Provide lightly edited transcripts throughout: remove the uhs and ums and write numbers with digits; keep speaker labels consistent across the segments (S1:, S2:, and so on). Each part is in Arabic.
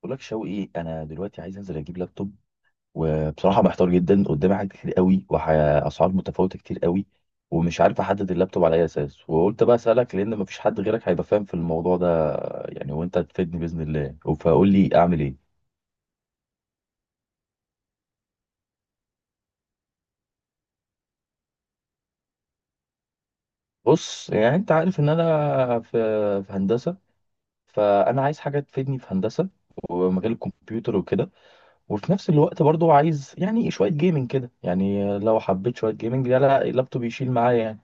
S1: بقول لك شوقي، انا دلوقتي عايز انزل اجيب لابتوب. وبصراحه محتار جدا، قدامي حاجات كتير قوي واسعار متفاوته كتير قوي. ومش عارف احدد اللابتوب على اي اساس، وقلت بقى اسالك لان مفيش حد غيرك هيبقى فاهم في الموضوع ده يعني. وانت تفيدني باذن الله، فقول لي اعمل ايه. بص، يعني انت عارف ان انا في هندسه، فانا عايز حاجه تفيدني في هندسه ومجال الكمبيوتر وكده. وفي نفس الوقت برضو عايز يعني شويه جيمنج كده. يعني لو حبيت شويه جيمنج، لا لا، اللابتوب يشيل معايا يعني.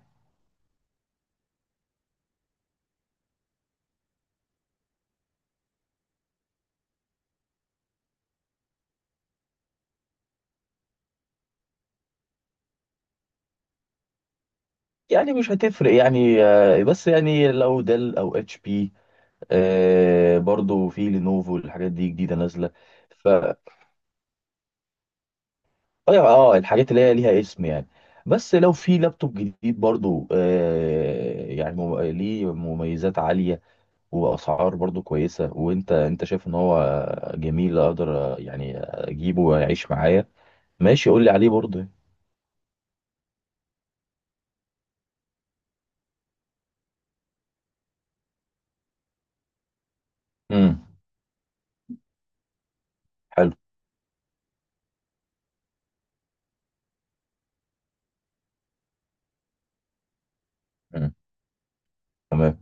S1: يعني مش هتفرق يعني، بس يعني لو ديل او اتش بي. برضو في لينوفو، الحاجات دي جديده نازله. ف اه الحاجات اللي هي ليها اسم يعني. بس لو في لابتوب جديد برضو، يعني ليه مميزات عاليه واسعار برضو كويسه. وانت، انت شايف ان هو جميل، اقدر يعني اجيبه ويعيش معايا؟ ماشي، قول لي عليه برضو. امم. حلو. مم. تمام.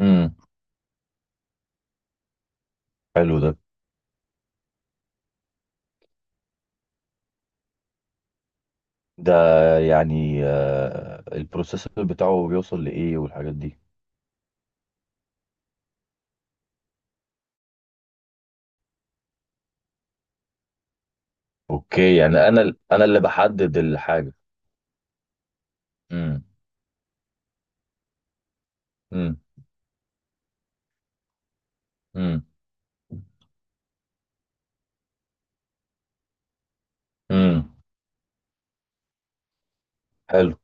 S1: امم. حلو ده. ده يعني البروسيسور بتاعه بيوصل لإيه والحاجات دي؟ اوكي، يعني انا انا اللي بحدد الحاجة. امم. امم. امم. امم. حلو.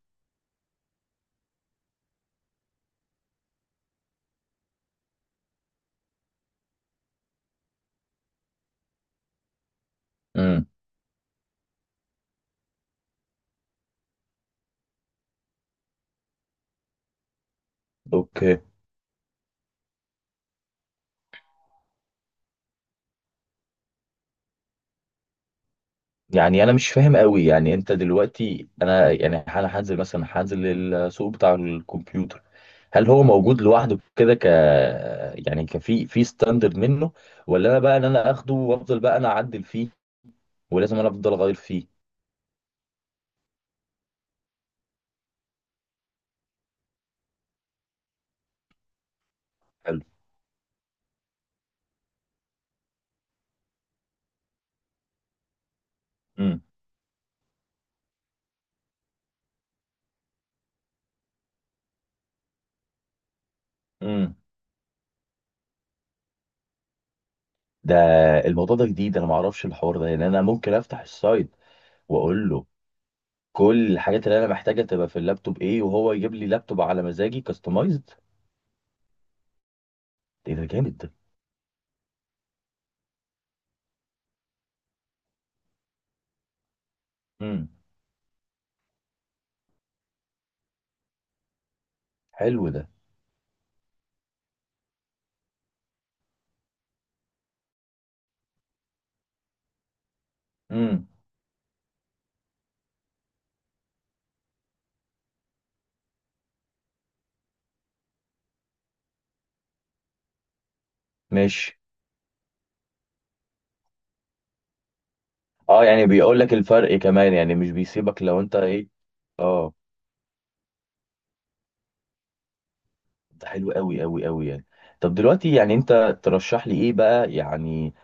S1: امم. اوكي، يعني انا مش فاهم قوي. يعني انت دلوقتي، انا يعني انا هنزل مثلا، هنزل السوق بتاع الكمبيوتر. هل هو موجود لوحده كده، يعني كفي في ستاندرد منه؟ ولا انا بقى ان انا اخده وافضل بقى انا اعدل فيه؟ ولازم انا افضل اغير فيه؟ حلو. امم. ده. الموضوع ده جديد، انا ما اعرفش الحوار ده. يعني انا ممكن افتح السايت واقول له كل الحاجات اللي انا محتاجها تبقى في اللابتوب ايه، وهو يجيب لي لابتوب على مزاجي كاستمايزد؟ ايه ده، جامد ده. امم. حلو ده. امم. ماشي. اه، يعني بيقول لك الفرق كمان، يعني مش بيسيبك لو انت ايه. اه. ده حلو قوي قوي قوي يعني. طب دلوقتي، يعني انت ترشح لي ايه بقى يعني؟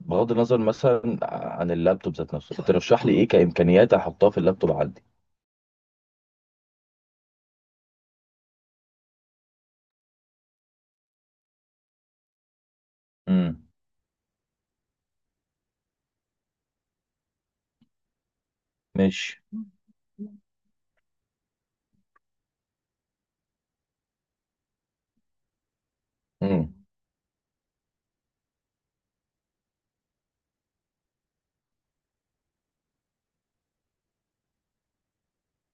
S1: بغض النظر مثلا عن اللابتوب ذات نفسه، ترشح لي ايه كامكانيات احطها في اللابتوب عندي؟ امم. ماشي. امم.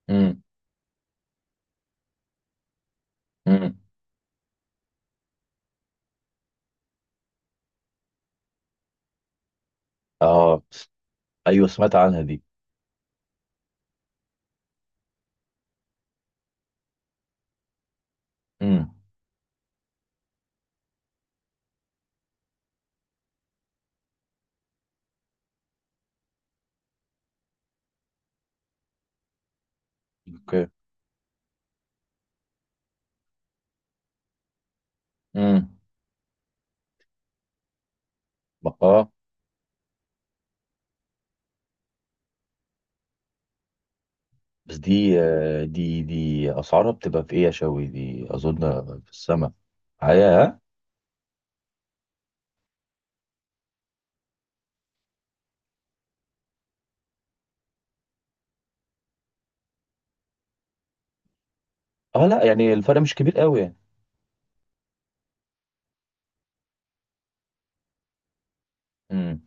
S1: امم. امم. اه، ايوه، سمعت عنها دي. امم. اوكي. امم. اه. بس دي دي اسعارها بتبقى في ايه يا شوي؟ دي اظن في السماء. عيا، ها؟ اه، لا يعني الفرق مش كبير قوي يعني. امم.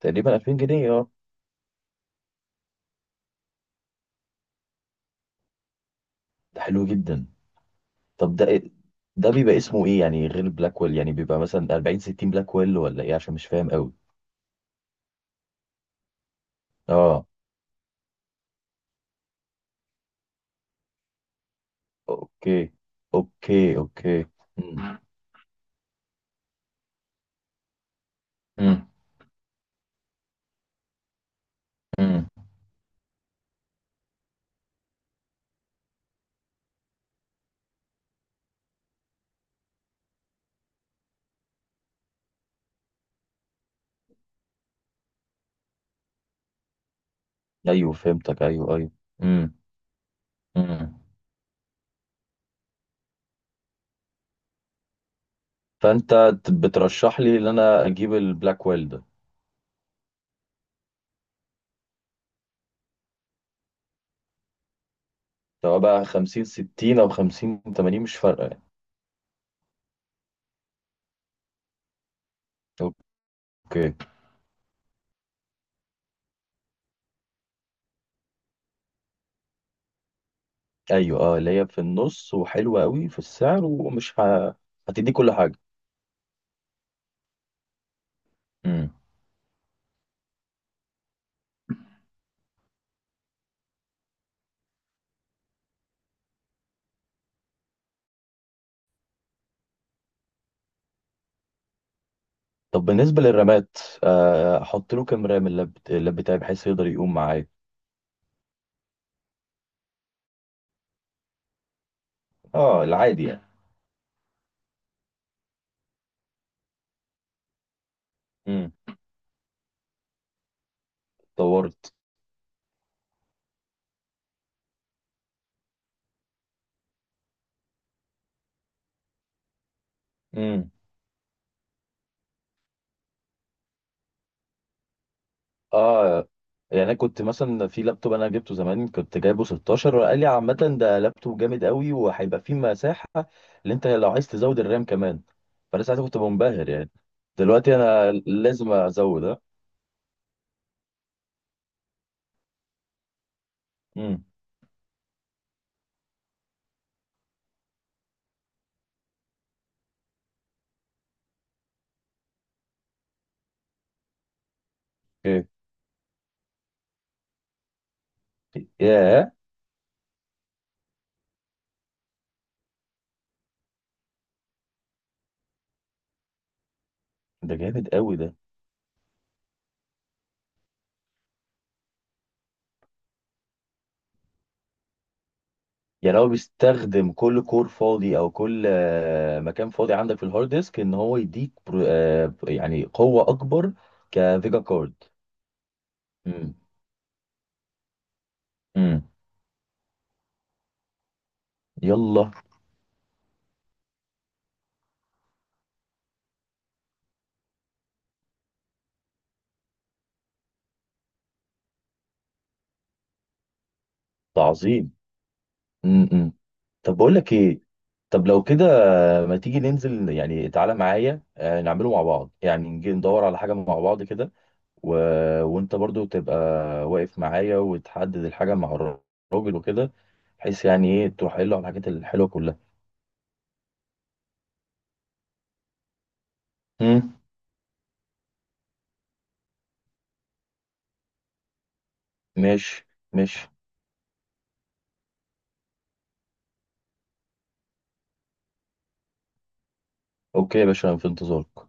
S1: تقريبا 2000 جنيه، اه. ده حلو جدا. طب ده ده بيبقى اسمه ايه يعني غير بلاك ويل؟ يعني بيبقى مثلا 40 60 بلاك ويل ولا ايه؟ عشان مش فاهم قوي. اه. اوكي. اوكي. اوكي. امم. امم. ايوه، فهمتك، ايوه، ايوه. امم. امم. فانت بترشح لي ان انا اجيب البلاك ويل ده؟ سواء بقى 50 60 او 50 80، مش فارقه يعني. اوكي. ايوه، اه، اللي هي في النص وحلوه قوي في السعر ومش هتدي كل حاجه. امم. طب بالنسبه للرامات، احط له كام رام اللاب بتاعي بحيث يقدر يقوم معايا؟ اه، العادي يعني. امم. طورت. اه. يعني انا كنت مثلا في لابتوب انا جبته زمان، كنت جايبه 16 وقال لي عامه ده لابتوب جامد قوي وهيبقى فيه مساحه اللي انت لو عايز تزود الرام كمان. فانا ساعتها كنت منبهر يعني. دلوقتي انا لازم ازود، اه. امم. اوكي. ياه. ده جامد قوي ده. يعني هو بيستخدم كل كور فاضي، او كل مكان فاضي عندك في الهارد ديسك، ان هو يديك يعني قوه اكبر كفيجا كارد؟ امم. امم. يلا. ده عظيم. امم. امم. طب بقول لك ايه، طب لو كده، ما تيجي ننزل، يعني تعالى معايا نعمله مع بعض، يعني نجي ندور على حاجة مع بعض كده. و... وانت برضو تبقى واقف معايا وتحدد الحاجة مع الراجل وكده، بحيث يعني ايه تروح قايل له على الحاجات الحلوة كلها. امم. ماشي. ماشي. اوكي يا باشا، أنا في انتظارك.